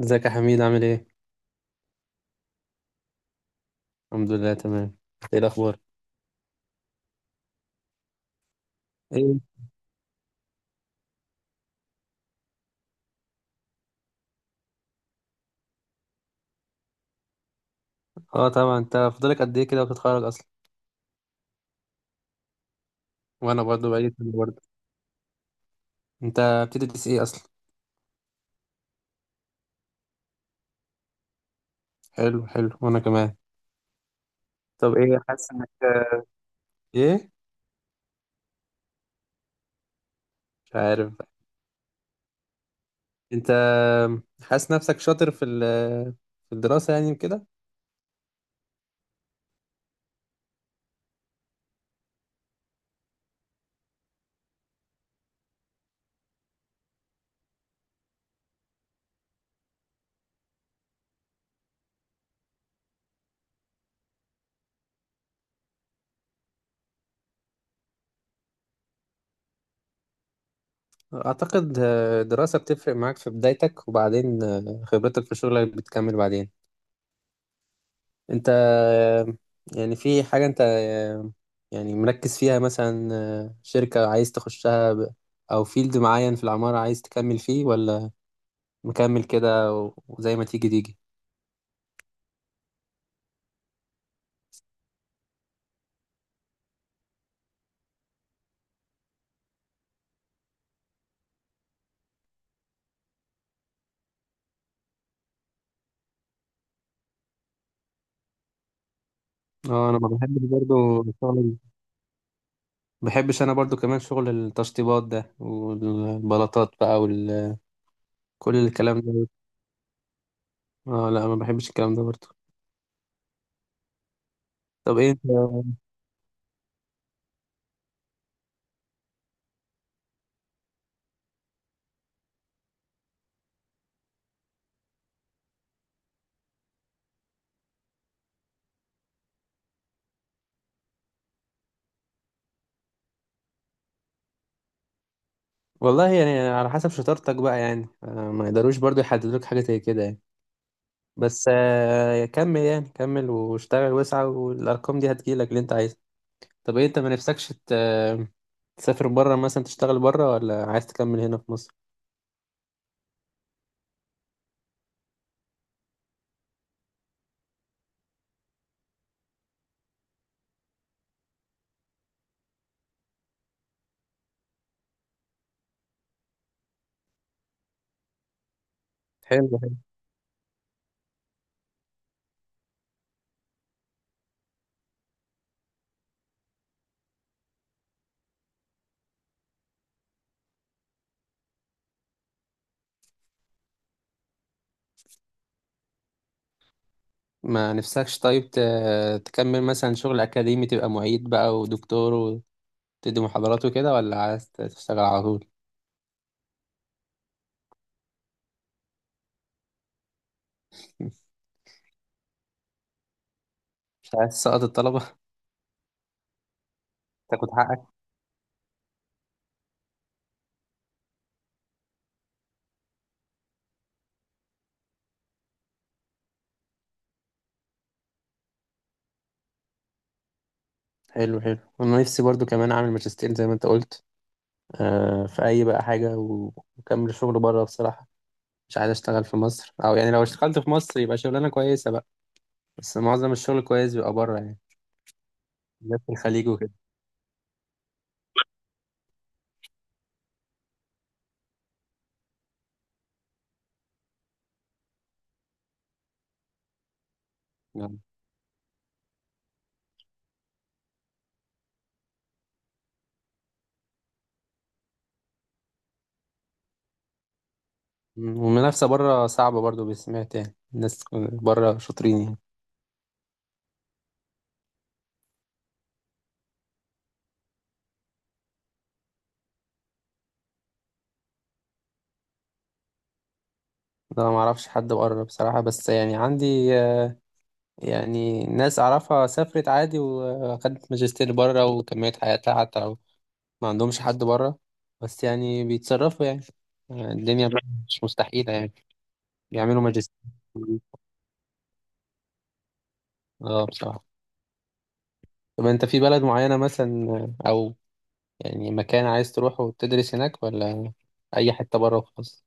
ازيك يا حميد عامل ايه؟ الحمد لله تمام. ايه الاخبار؟ ايه. اه طبعا انت فاضلك قد ايه كده وتتخرج اصلا؟ وانا برضه بقالي سنة برضه. انت بتدرس ايه اصلا؟ حلو حلو وانا كمان. طب ايه حاسس انك. ايه؟ مش عارف بقى. انت. حاسس نفسك شاطر في في الدراسة يعني كده؟ اعتقد الدراسة بتفرق معاك في بدايتك، وبعدين خبرتك في شغلك بتكمل بعدين. انت. يعني في حاجة انت، يعني مركز فيها مثلا، شركة عايز تخشها او فيلد معين في العمارة عايز تكمل فيه، ولا مكمل كده وزي ما تيجي تيجي. اه انا ما بحبش برضو الشغل ده. ما بحبش انا برضو كمان شغل التشطيبات ده والبلاطات بقى وكل الكلام ده. اه لا ما بحبش الكلام ده برضو. طب ايه انت. والله يعني على حسب شطارتك بقى يعني، ما يقدروش برضو يحددوك حاجة زي كده يعني. بس كمل يعني كمل واشتغل واسعى، والارقام دي هتجيلك اللي انت عايزه. طب ايه انت ما نفسكش تسافر بره مثلا تشتغل بره، ولا عايز تكمل هنا في مصر؟ حلو حلو. ما نفسكش طيب تكمل مثلا شغل اكاديمي تبقى معيد بقى ودكتور وتدي محاضرات وكده، ولا عايز تشتغل على طول؟ مش عايز تسقط الطلبة؟ تاخد حقك. حلو حلو، انا نفسي برضو كمان اعمل ماجستير زي ما انت قلت، في اي بقى حاجة واكمل شغل بره بصراحة. مش عايز اشتغل في مصر، او يعني لو اشتغلت في مصر يبقى شغلانه كويسه بقى. بس معظم الشغل كويس بيبقى بره يعني. بالذات في الخليج وكده. نعم. مم. والمنافسه بره صعبه برضو، بسمعت يعني الناس بره شاطرين يعني. انا ما اعرفش حد بره بصراحه، بس يعني عندي يعني ناس اعرفها سافرت عادي وخدت ماجستير بره وكملت حياتها، حتى لو ما عندهمش حد بره. بس يعني بيتصرفوا يعني الدنيا مش مستحيله يعني. بيعملوا ماجستير. اه بصراحه. طب انت في بلد معينة مثلا، او يعني مكان عايز تروحه وتدرس هناك، ولا اي حتة بره وخلاص؟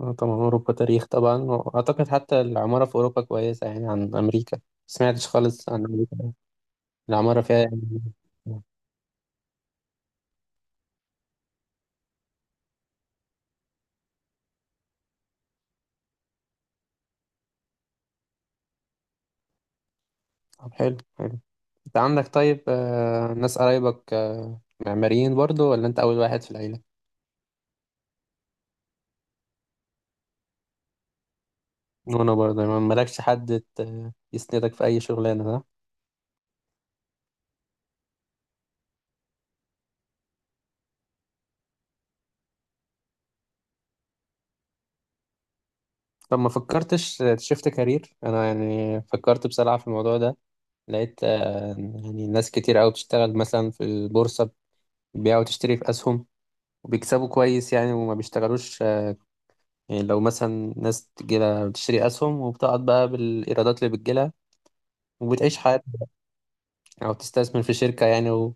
اه طبعا اوروبا تاريخ طبعا، واعتقد حتى العمارة في اوروبا كويسة يعني عن امريكا. سمعتش خالص عن امريكا. العمارة فيها يعني. طب حلو حلو. انت عندك طيب ناس قرايبك معماريين برضو، ولا انت اول واحد في العيلة؟ وانا برضه ما مالكش حد يسندك في اي شغلانة صح. طب ما فكرتش تشفت كارير؟ انا يعني فكرت بصراحة في الموضوع ده، لقيت يعني ناس كتير قوي بتشتغل مثلا في البورصة، بيبيع وتشتري في أسهم وبيكسبوا كويس يعني وما بيشتغلوش يعني لو مثلا ناس تجيلها بتشتري أسهم وبتقعد بقى بالإيرادات اللي بتجيلها وبتعيش حياتها، أو بتستثمر في شركة يعني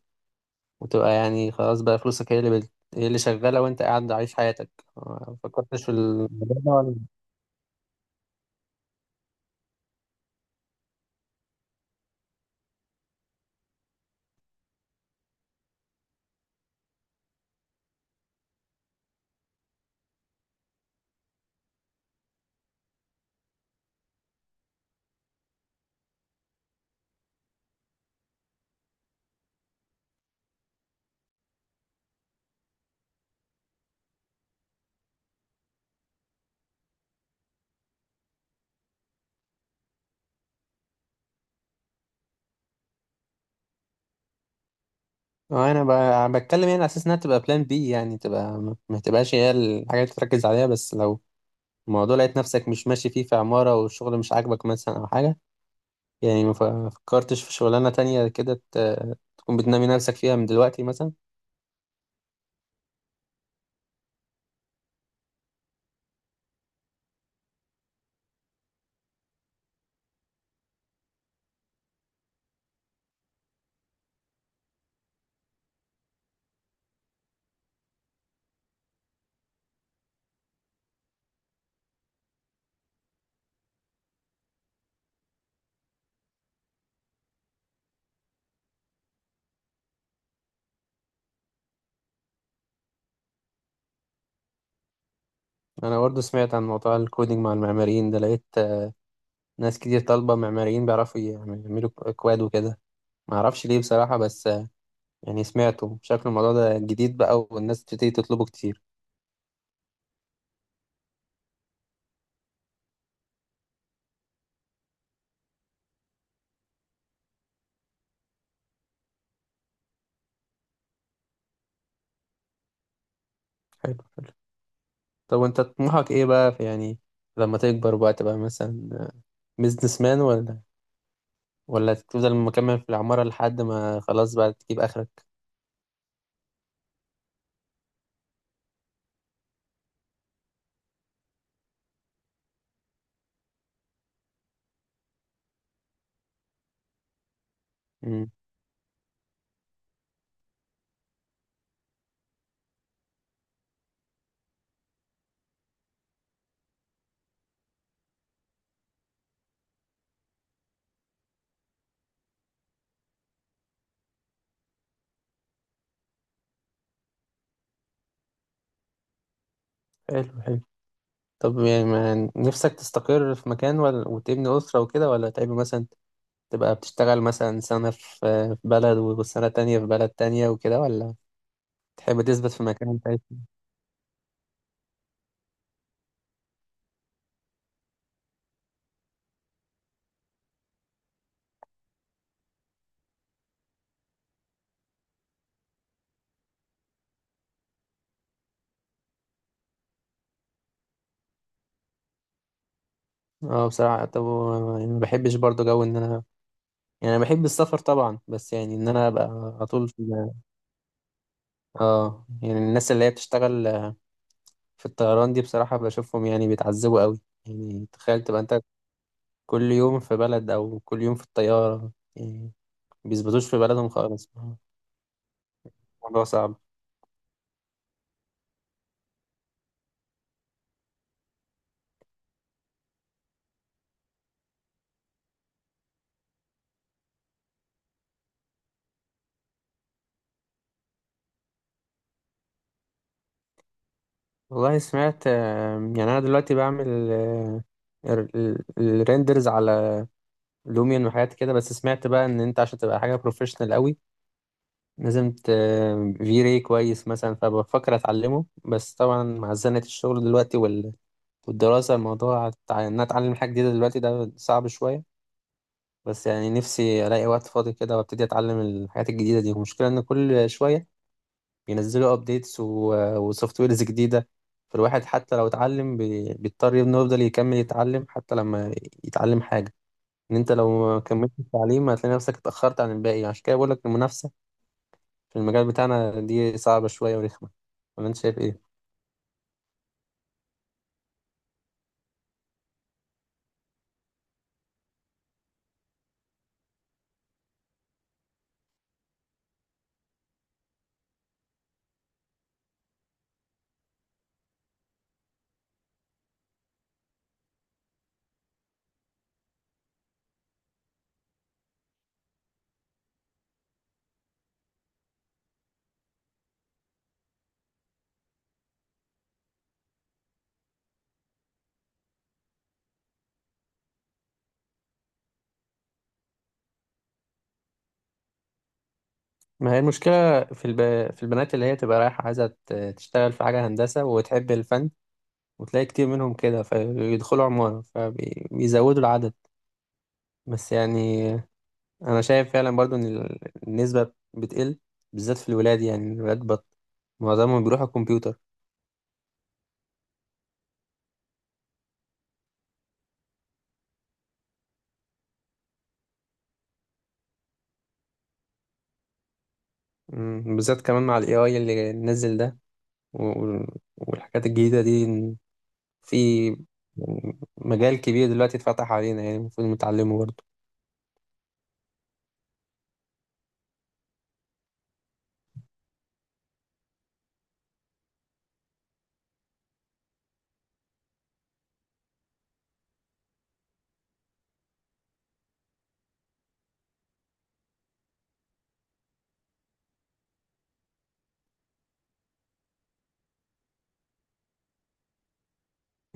وتبقى يعني خلاص بقى فلوسك هي اللي شغالة وأنت قاعد عايش حياتك. ما فكرتش في الموضوع ده ولا؟ أنا بتكلم يعني على أساس إنها تبقى بلان بي، يعني تبقى ما تبقاش هي الحاجة اللي تركز عليها، بس لو الموضوع لقيت نفسك مش ماشي فيه في عمارة والشغل مش عاجبك مثلا أو حاجة، يعني ما فكرتش في شغلانة تانية كده تكون بتنمي نفسك فيها من دلوقتي مثلا. أنا برضه سمعت عن موضوع الكودينج مع المعماريين ده، لقيت ناس كتير طالبة معماريين بيعرفوا يعملوا أكواد وكده. ما اعرفش ليه بصراحة، بس يعني سمعته شكل الموضوع ده جديد بقى والناس بتبتدي تطلبه كتير. حلو حلو. طب وانت طموحك ايه بقى في يعني لما تكبر بقى تبقى مثلا بيزنس مان، ولا تفضل مكمل في العمارة لحد ما خلاص بقى تجيب آخرك؟ مم. حلو حلو. طب يعني ما نفسك تستقر في مكان، ولا وتبني أسرة وكده، ولا تحب مثلا تبقى بتشتغل مثلا سنة في بلد وسنة تانية في بلد تانية وكده، ولا تحب تثبت في مكان انت عايز فيه؟ اه بصراحة. طب يعني ما بحبش برضه جو ان انا، يعني انا بحب السفر طبعا، بس يعني ان انا ابقى على طول في. اه يعني الناس اللي هي بتشتغل في الطيران دي، بصراحة بشوفهم يعني بيتعذبوا قوي. يعني تخيل تبقى انت كل يوم في بلد، أو كل يوم في الطيارة يعني بيثبتوش في بلدهم خالص. الموضوع صعب. والله سمعت يعني أنا دلوقتي بعمل الريندرز على لوميون وحاجات كده. بس سمعت بقى إن أنت عشان تبقى حاجة بروفيشنال قوي لازم في راي كويس مثلا، فبفكر أتعلمه. بس طبعا مع زنة الشغل دلوقتي والدراسة، الموضوع إن أنا أتعلم حاجة جديدة دلوقتي ده صعب شوية. بس يعني نفسي ألاقي وقت فاضي كده وأبتدي أتعلم الحاجات الجديدة دي. المشكلة إن كل شوية بينزلوا ابديتس وسوفت ويرز جديده، فالواحد حتى لو اتعلم بيضطر انه يفضل يكمل يتعلم حتى لما يتعلم حاجه. ان انت لو ما كملتش التعليم هتلاقي نفسك اتاخرت عن الباقي، عشان كده بقول لك المنافسه في المجال بتاعنا دي صعبه شويه ورخمه. ولا انت شايف ايه؟ ما هي المشكله في في البنات اللي هي تبقى رايحه عايزه تشتغل في حاجه هندسه وتحب الفن، وتلاقي كتير منهم كده فيدخلوا عماره فبيزودوا العدد. بس يعني انا شايف فعلا برضو ان النسبه بتقل، بالذات في الولاد. يعني الولاد معظمهم بيروحوا الكمبيوتر. بالذات كمان مع الـAI اللي نزل ده و- والحاجات الجديده دي، إن في يعني مجال كبير دلوقتي اتفتح علينا يعني المفروض نتعلمه برضو.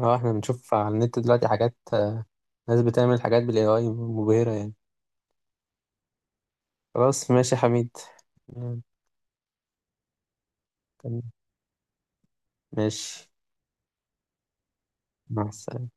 اه احنا بنشوف على النت دلوقتي حاجات ناس بتعمل حاجات بالـAI مبهره يعني. خلاص ماشي يا حميد. مم، تمام. ماشي. مع السلامه.